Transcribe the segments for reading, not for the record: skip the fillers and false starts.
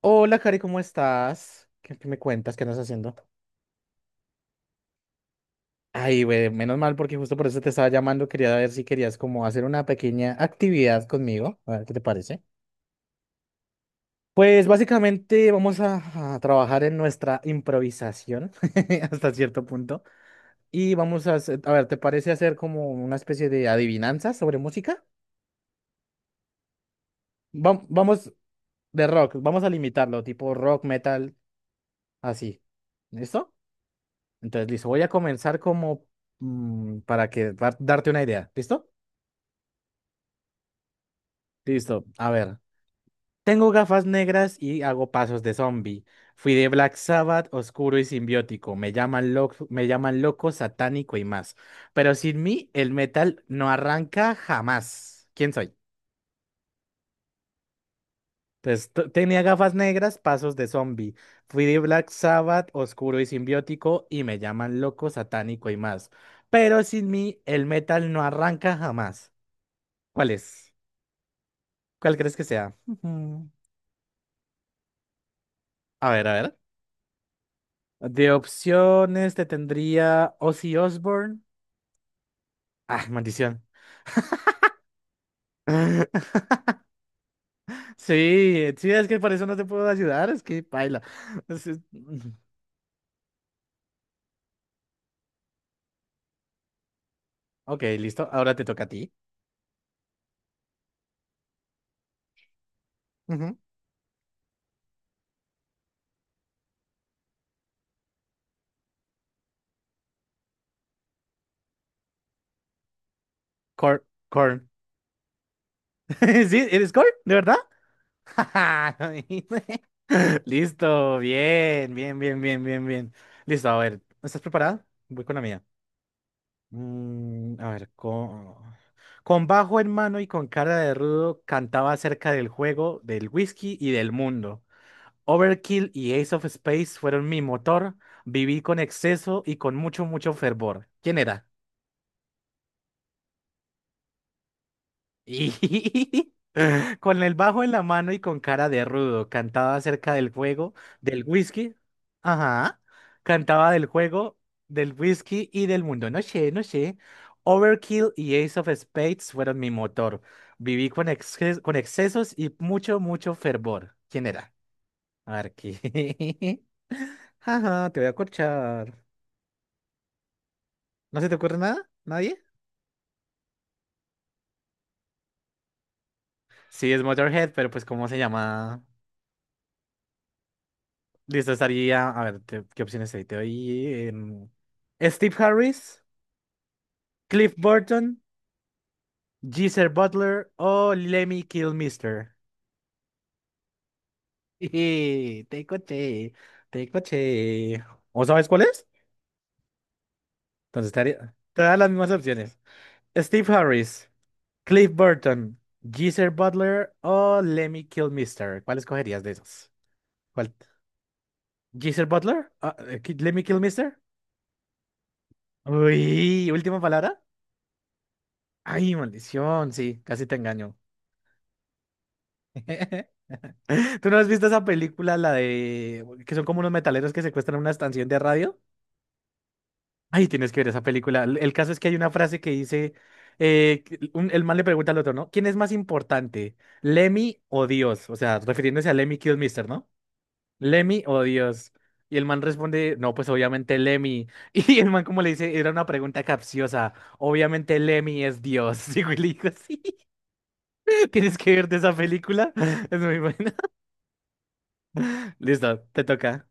Hola, Cari, ¿cómo estás? ¿Qué me cuentas? ¿Qué andas haciendo? Ay, güey, menos mal porque justo por eso te estaba llamando. Quería ver si querías como hacer una pequeña actividad conmigo. A ver, ¿qué te parece? Pues básicamente vamos a trabajar en nuestra improvisación hasta cierto punto. Y vamos a hacer, a ver, ¿te parece hacer como una especie de adivinanza sobre música? Vamos de rock, vamos a limitarlo, tipo rock, metal, así. ¿Listo? Entonces, listo, voy a comenzar como darte una idea. ¿Listo? Listo. A ver. Tengo gafas negras y hago pasos de zombie. Fui de Black Sabbath, oscuro y simbiótico. Me llaman loco, satánico y más. Pero sin mí, el metal no arranca jamás. ¿Quién soy? Entonces, tenía gafas negras, pasos de zombie. Fui de Black Sabbath, oscuro y simbiótico, y me llaman loco, satánico y más. Pero sin mí, el metal no arranca jamás. ¿Cuál es? ¿Cuál crees que sea? Ujú. A ver, a ver. De opciones te tendría Ozzy Osbourne. Ah, maldición. Sí, sí, es que por eso no te puedo ayudar, es que paila. Es- es- Ok, listo. Ahora te toca a ti. Ujú. Corn. Corn. ¿Sí? ¿Eres Corn? ¿De verdad? Listo, bien, bien, bien, bien, bien, bien. Listo, a ver. ¿Estás preparada? Voy con la mía. Mm, a ver, con bajo en mano y con cara de rudo cantaba acerca del juego, del whisky y del mundo. Overkill y Ace of Space fueron mi motor. Viví con exceso y con mucho, mucho fervor. ¿Quién era? Y con el bajo en la mano y con cara de rudo, cantaba acerca del juego, del whisky. Ajá. Cantaba del juego, del whisky y del mundo. No sé, no sé. Overkill y Ace of Spades fueron mi motor. Viví con, con excesos y mucho, mucho fervor. ¿Quién era? A ver, ¿qué? Ajá, te voy a corchar. ¿No se te ocurre nada? ¿Nadie? Sí, es Motorhead, pero pues, ¿cómo se llama? Listo, estaría. A ver, ¿qué opciones hay? Te doy. Steve Harris, Cliff Burton, Geezer Butler o Lemmy Kilmister. Jeje, te coché, te coché. ¿O sabes cuál es? Entonces estaría, te da las mismas opciones. Steve Harris, Cliff Burton, Geezer Butler o Lemmy Kilmister. ¿Cuál escogerías de esos? ¿Cuál? ¿Geezer Butler? Ah, ¿Lemmy Kilmister? Uy, última palabra. Ay, maldición, sí, casi te engaño. ¿Tú no has visto esa película, la de que son como unos metaleros que secuestran una estación de radio? Ay, tienes que ver esa película. El caso es que hay una frase que dice, que el man le pregunta al otro, ¿no? ¿Quién es más importante, Lemmy o Dios? O sea, refiriéndose a Lemmy Mister, ¿no? Lemmy o Dios. Y el man responde, no, pues obviamente Lemmy. Y el man como le dice, era una pregunta capciosa. Obviamente Lemmy es Dios. Y yo le digo, sí, tienes que verte esa película. Es muy buena. Listo, te toca.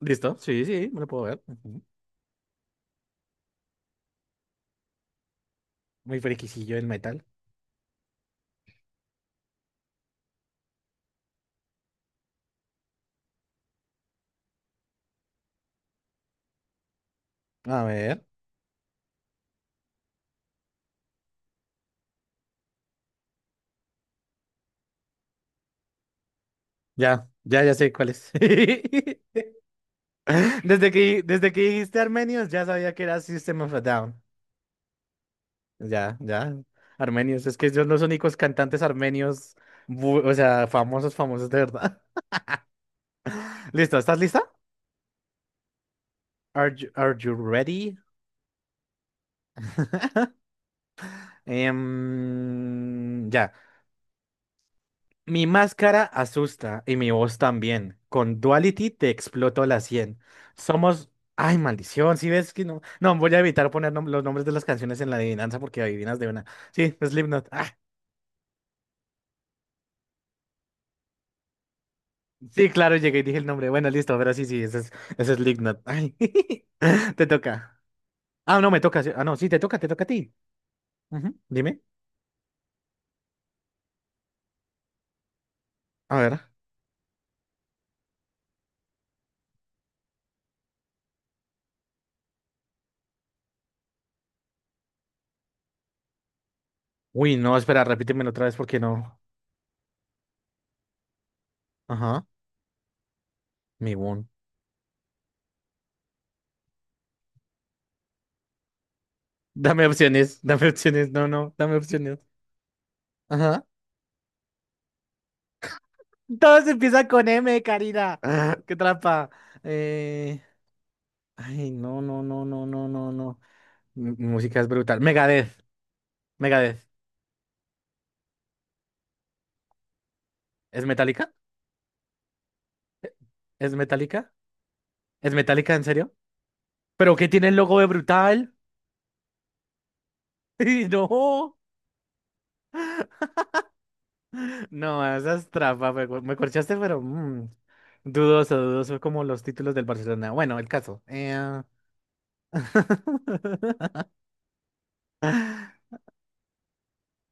¿Listo? Sí, sí, me lo puedo ver. Ujú. Muy friquisillo el metal. A ver. Ya, ya, ya sé cuál es. Desde que dijiste armenios, ya sabía que era System of a Down. Ya, ya. Armenios, es que son los únicos cantantes armenios, o sea, famosos, famosos de verdad. ¿Listo? ¿Estás lista? Are you ready? Ya. Mi máscara asusta y mi voz también. Con Duality te exploto la 100. Somos... Ay, maldición, si ves que no... No, voy a evitar poner los nombres de las canciones en la adivinanza porque adivinas de una. Sí, Slipknot. Ah, sí, claro, llegué y dije el nombre. Bueno, listo, pero sí, sí, ese es Slipknot. Ay, te toca. Ah, no, me toca. Sí. Ah, no, sí, te toca a ti. Ujú, dime. A ver. Uy, no, espera, repítemelo otra vez porque no. Ajá, mi boom. Dame opciones, dame opciones. No, no, dame opciones. Todos empiezan con M, Karina. Ah, qué trampa. Eh, Ay, no, no, no, no, no, no, no. Mi música es brutal. Megadeth. Megadeth. ¿Es metálica? ¿Es metálica? ¿Es metálica en serio? ¿Pero qué tiene el logo de brutal? ¡Ay, no! No, esa es trampa. Me corchaste, pero dudoso, dudoso como los títulos del Barcelona. Bueno, el caso.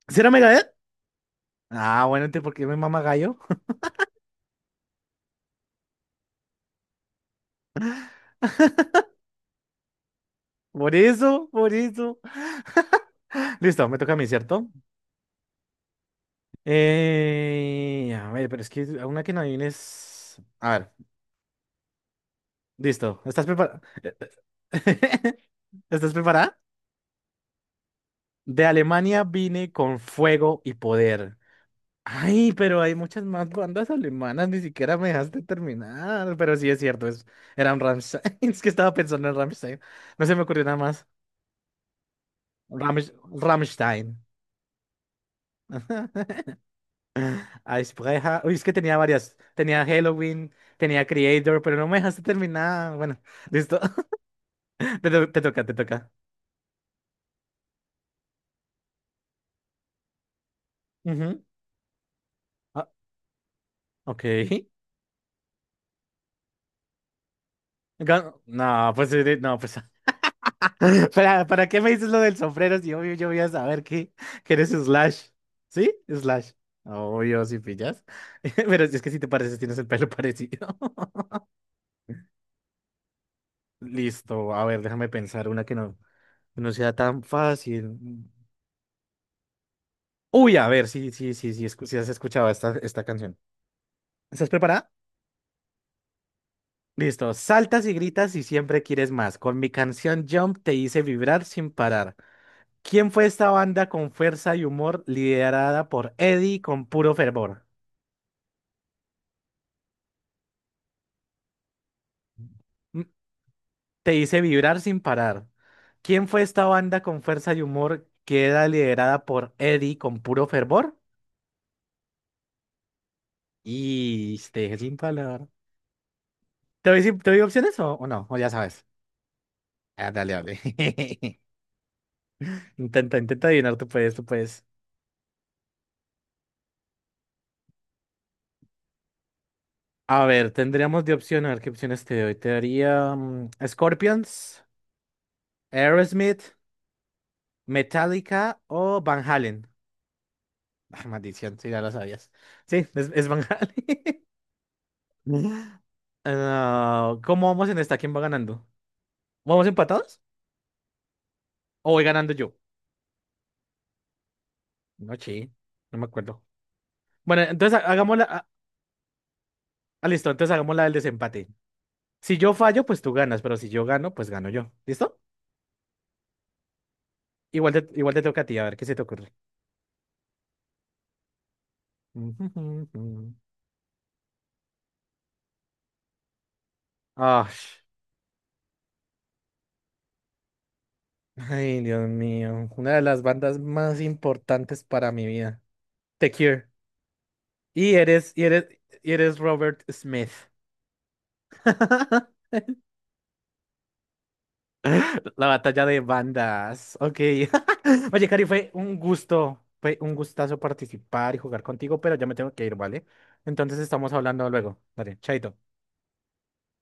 ¿Sí era Megadeth? Ah, bueno, entonces, ¿por qué me mama gallo? Por eso, por eso. Listo, me toca a mí, ¿cierto? A ver, pero es que a una que no adivines. A ver, listo. ¿Estás preparada? ¿Estás preparada? De Alemania vine con fuego y poder. Ay, pero hay muchas más bandas alemanas, ni siquiera me dejaste terminar. Pero sí es cierto, era un Rammstein. Es que estaba pensando en Rammstein. No se me ocurrió nada más. Rammstein. Eisbrecher. Uy, es que tenía varias. Tenía Halloween, tenía Creator, pero no me dejaste terminar. Bueno, listo. Te toca, te toca. Ujú. Ah, ok. Gan- no, pues, no, pues. ¿Para qué me dices lo del sombrero si obvio yo voy a saber que eres Slash? ¿Sí? Slash. Obvio, si pillas. Pero es que si te pareces, tienes el pelo parecido. Listo, a ver, déjame pensar una que no sea tan fácil. Uy, a ver, sí, sí, sí, sí, sí has escuchado esta, canción. ¿Estás preparada? Listo, saltas y gritas y siempre quieres más. Con mi canción Jump te hice vibrar sin parar. ¿Quién fue esta banda con fuerza y humor liderada por Eddie con puro fervor? Mm, te hice vibrar sin parar. ¿Quién fue esta banda con fuerza y humor que era liderada por Eddie con puro fervor? Y te dejé sin palabra. ¿Te doy, te doy opciones o no? O ya sabes. Ah, dale, dale. Intenta, intenta adivinar, tú puedes, tú puedes. A ver, tendríamos de opción, a ver qué opciones te doy. Te daría mm, Scorpions, Aerosmith, Metallica o Van Halen. Ah, maldición, si ya lo sabías. Sí, es Van Halen. Ah, ¿cómo vamos en esta? ¿Quién va ganando? ¿Vamos empatados? ¿O voy ganando yo? No, sí, no me acuerdo. Bueno, entonces hagámosla. Ah, ah, listo, entonces hagámosla del desempate. Si yo fallo, pues tú ganas, pero si yo gano, pues gano yo. ¿Listo? Igual te toca a ti, a ver qué se te ocurre. Ah, ay, Dios mío, una de las bandas más importantes para mi vida. The Cure. Y eres, y eres, y eres Robert Smith. La batalla de bandas. Ok. Oye, Cari, fue un gusto, fue un gustazo participar y jugar contigo, pero ya me tengo que ir, ¿vale? Entonces estamos hablando luego. Dale, chaito.